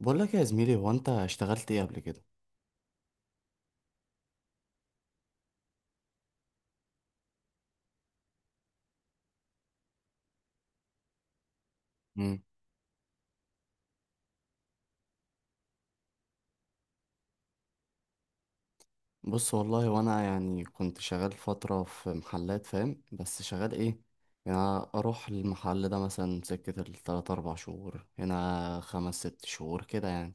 بقول لك يا زميلي، هو انت اشتغلت ايه قبل كده؟ مم. بص والله، وانا يعني كنت شغال فتره في محلات، فاهم؟ بس شغال ايه يعني؟ اروح المحل ده مثلا سكه التلات اربع شهور، هنا خمس ست شهور كده يعني.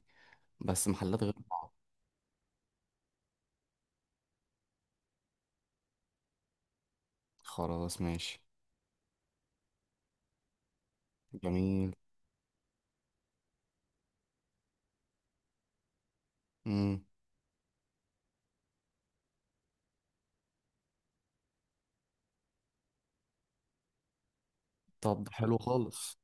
بس محلات غير بعض. خلاص ماشي. جميل. امم طب حلو خالص.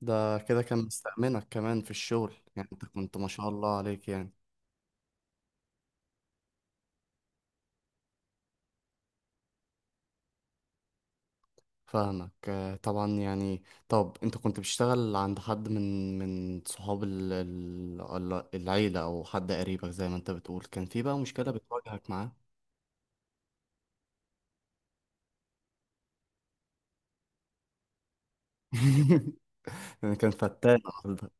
ده كده كان مستأمنك كمان في الشغل يعني، انت كنت ما شاء الله عليك يعني. فاهمك آه، طبعا يعني. طب انت كنت بتشتغل عند حد من صحاب العيلة او حد قريبك زي ما انت بتقول، كان في بقى مشكلة بتواجهك معاه؟ انا كان فتان النهارده.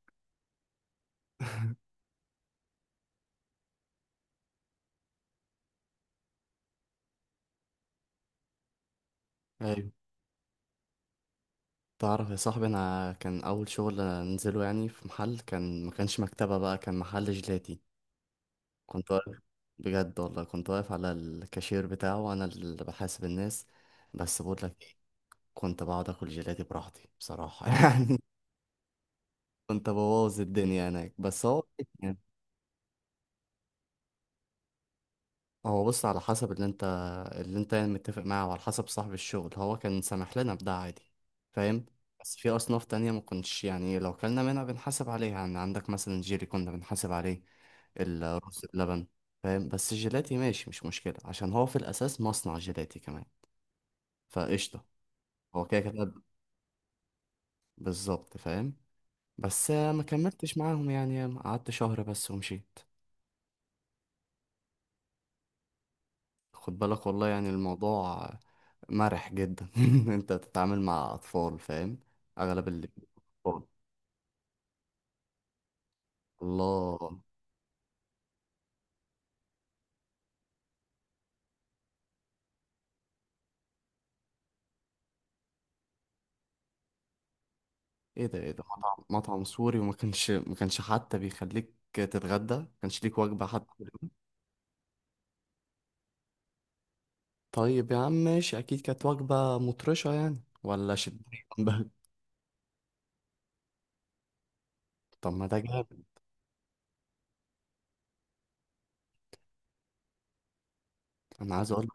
ايوه، تعرف يا صاحبي، انا كان اول شغل انزله يعني في محل، كان ما كانش مكتبة بقى، كان محل جيلاتي. كنت واقف، بجد والله كنت واقف على الكاشير بتاعه وانا اللي بحاسب الناس. بس بقول لك ايه، كنت بقعد اكل جيلاتي براحتي بصراحة كنت ببوظ الدنيا هناك بس هو يعني، هو بص على حسب اللي انت يعني متفق معاه وعلى حسب صاحب الشغل، هو كان سامح لنا بده عادي، فاهم. بس في اصناف تانية ما كنتش يعني، لو كلنا منها بنحاسب عليها. يعني عندك مثلا جيلي كنا بنحاسب عليه، الرز بلبن، فاهم. بس الجيلاتي ماشي مش مشكلة عشان هو في الاساس مصنع جيلاتي كمان، فقشطة. هو كده كده بالظبط، فاهم. بس ما كملتش معاهم يعني، قعدت شهر بس ومشيت. خد بالك والله، يعني الموضوع مرح جدا انت بتتعامل مع اطفال، فاهم. اغلب اللي أطفال. الله. ايه ده ايه ده، مطعم مطعم سوري وما كانش حتى بيخليك تتغدى؟ ما كانش ليك وجبة حتى؟ طيب يا عم ماشي، اكيد كانت وجبة مطرشة يعني ولا شدية طب ما ده جامد. انا عايز اقول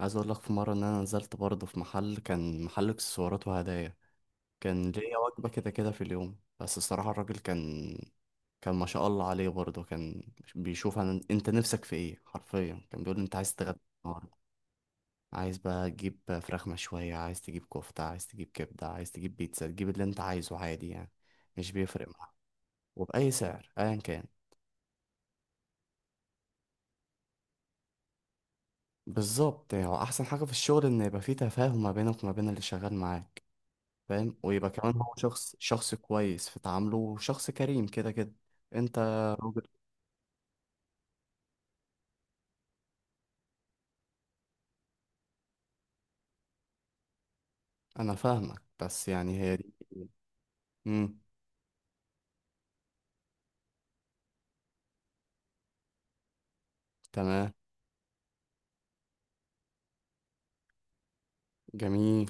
عايز اقول لك، في مرة ان انا نزلت برضه في محل، كان محل اكسسوارات وهدايا، كان ليا وجبة كده كده في اليوم، بس الصراحة الراجل كان، كان ما شاء الله عليه برضه، كان بيشوف انت نفسك في ايه، حرفيا كان بيقول لي انت عايز تتغدى النهاردة؟ عايز بقى تجيب فراخ مشوية، عايز تجيب كفتة، عايز تجيب كبدة، عايز تجيب بيتزا، تجيب اللي انت عايزه عادي يعني، مش بيفرق معاه. وبأي سعر أيا كان. بالظبط، يعني هو أحسن حاجة في الشغل إن يبقى فيه تفاهم ما بينك وما بين اللي شغال معاك، فاهم. ويبقى كمان هو شخص شخص كويس في تعامله، وشخص كريم كده كده. انت، انا فاهمك، بس يعني هي دي. امم تمام. جميل.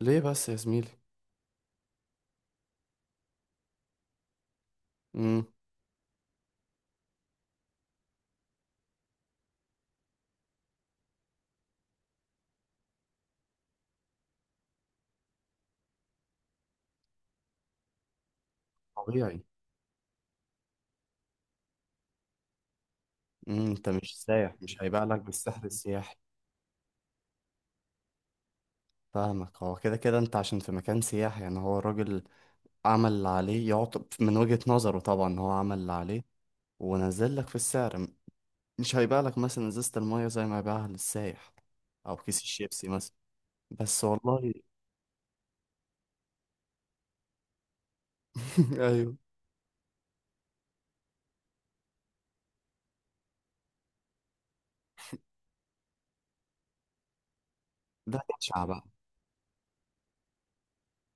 ليه بس يا زميلي؟ امم طبيعي. انت مش سايح، مش هيبيع لك بالسحر السياحي. فاهمك، هو كده كده انت عشان في مكان سياحي يعني، هو الراجل عمل اللي عليه يعطب من وجهة نظره، طبعا هو عمل اللي عليه ونزل لك في السعر. مش هيبيع لك مثلا ازازة المية زي ما يبيعها للسايح، او كيس الشيبسي مثلا. بس والله ايوه، ده اشعة بقى،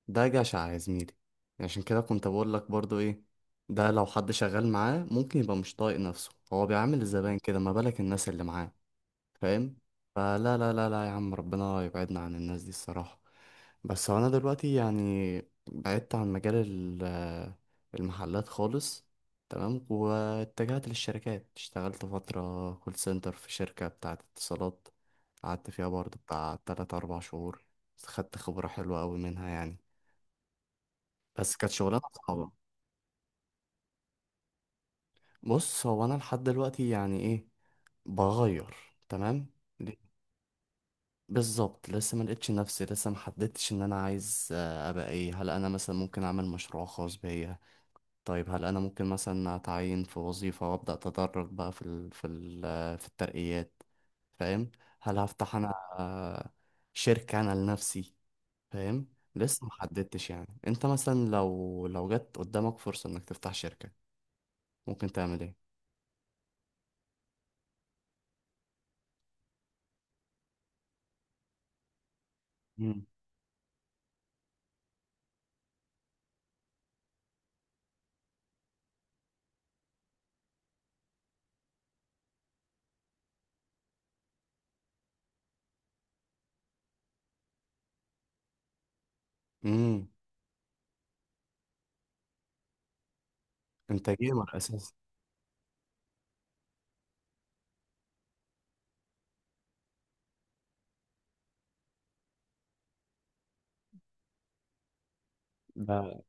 ده جشع يا زميلي. عشان كده كنت بقول لك برضو ايه، ده لو حد شغال معاه ممكن يبقى مش طايق نفسه، هو بيعامل الزبائن كده، ما بالك الناس اللي معاه، فاهم. فلا لا لا لا يا عم، ربنا يبعدنا عن الناس دي الصراحة. بس هو انا دلوقتي يعني بعدت عن مجال المحلات خالص، تمام. واتجهت للشركات، اشتغلت فترة كول سنتر في شركة بتاعة اتصالات، قعدت فيها برضو بتاع تلات أربع شهور. خدت خبرة حلوة أوي منها يعني، بس كانت شغلانة صعبة. بص هو أنا لحد دلوقتي يعني إيه، بغير، تمام. ليه؟ بالظبط، لسه ما لقيتش نفسي، لسه ما حددتش ان انا عايز ابقى ايه. هل انا مثلا ممكن اعمل مشروع خاص بيا؟ طيب هل انا ممكن مثلا اتعين في وظيفة وابدا اتدرج بقى في ال في ال في الترقيات، فاهم؟ هل هفتح انا آه، شركة انا لنفسي، فاهم. لسه ما حددتش يعني. انت مثلا لو لو جت قدامك فرصة انك تفتح شركة، ممكن تعمل ايه؟ امم انت جيمر اساسا. ده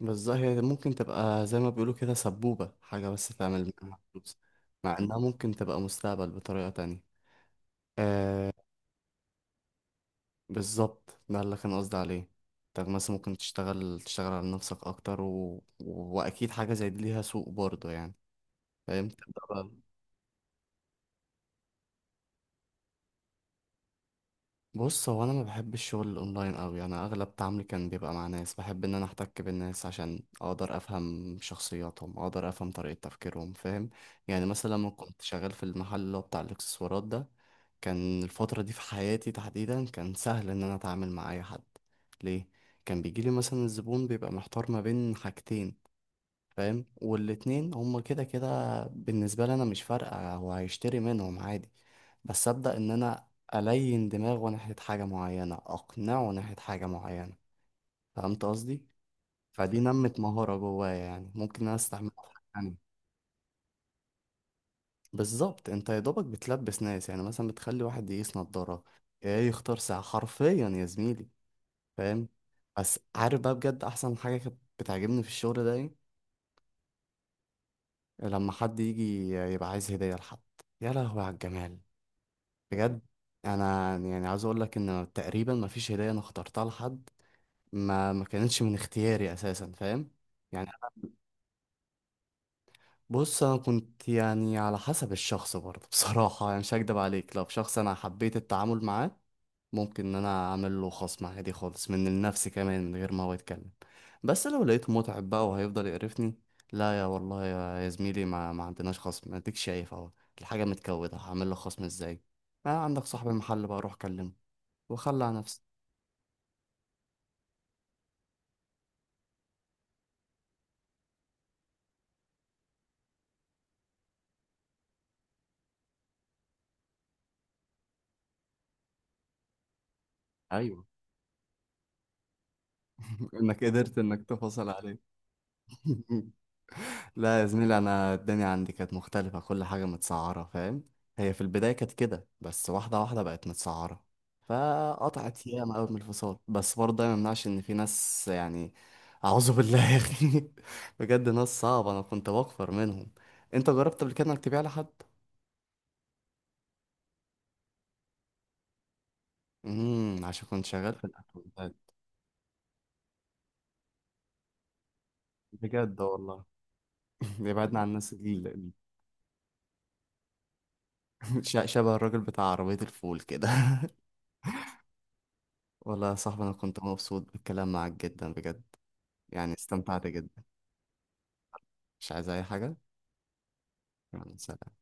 بالظبط، هي ممكن تبقى زي ما بيقولوا كده سبوبة، حاجة بس تعمل منها فلوس، مع انها ممكن تبقى مستقبل بطريقة تانية. آه، بالظبط ده اللي كان قصدي عليه. انت مثلا ممكن تشتغل، تشتغل على نفسك اكتر واكيد حاجة زي دي ليها سوق برضه يعني، فاهم، تبدأ بقى. بص هو انا ما بحب الشغل الاونلاين قوي، انا اغلب تعاملي كان بيبقى مع ناس، بحب ان انا احتك بالناس عشان اقدر افهم شخصياتهم، اقدر افهم طريقة تفكيرهم، فاهم. يعني مثلا لما كنت شغال في المحل اللي هو بتاع الاكسسوارات ده، كان الفترة دي في حياتي تحديدا كان سهل ان انا اتعامل مع اي حد. ليه؟ كان بيجيلي مثلا الزبون بيبقى محتار ما بين حاجتين، فاهم. والاتنين هما كده كده بالنسبة لي، أنا مش فارقة هو هيشتري منهم عادي. بس أبدأ إن أنا ألين دماغه ناحية حاجة معينة، أقنعه ناحية حاجة معينة، فهمت قصدي؟ فدي نمت مهارة جوايا، يعني ممكن أنا أستعملها في حاجة تانية. بالظبط، أنت يا دوبك بتلبس ناس، يعني مثلا بتخلي واحد يقيس نضارة إيه، يختار ساعة حرفيا يا زميلي، فاهم؟ بس عارف بقى بجد، أحسن حاجة كانت بتعجبني في الشغل ده إيه؟ لما حد يجي يبقى عايز هدية لحد، يا لهوي على الجمال، بجد. انا يعني عاوز اقول لك ان تقريبا ما فيش هديه انا اخترتها لحد، ما كانتش من اختياري اساسا، فاهم. يعني بص، انا كنت يعني على حسب الشخص برضه بصراحه يعني مش هكدب عليك، لو شخص انا حبيت التعامل معاه، ممكن ان انا اعمل له خصم عادي خالص من النفس كمان من غير ما هو يتكلم. بس لو لقيته متعب بقى وهيفضل يقرفني، لا يا والله يا زميلي، ما عندناش خصم، اديك شايف اهو الحاجه متكوده، هعمل له خصم ازاي؟ آه عندك صاحب المحل بقى، روح كلمه وخلى على نفسك. ايوه انك قدرت انك تفصل عليه لا يا زميلي، انا الدنيا عندي كانت مختلفه، كل حاجه متسعره، فاهم. هي في البدايه كانت كده، بس واحده واحده بقت متسعره، فقطعت ياما قوي من الفصال، بس برضه ده ما يمنعش ان في ناس يعني، اعوذ بالله يا اخي بجد ناس صعبه، انا كنت بكفر منهم. انت جربت قبل كده انك تبيع لحد؟ عشان كنت شغال في الاكونتات. بجد والله يبعدنا عن الناس شبه الراجل بتاع عربيه الفول كده والله يا صاحبي، أنا كنت مبسوط بالكلام معاك جدا بجد، يعني استمتعت جدا. مش عايز أي حاجة. يلا سلام.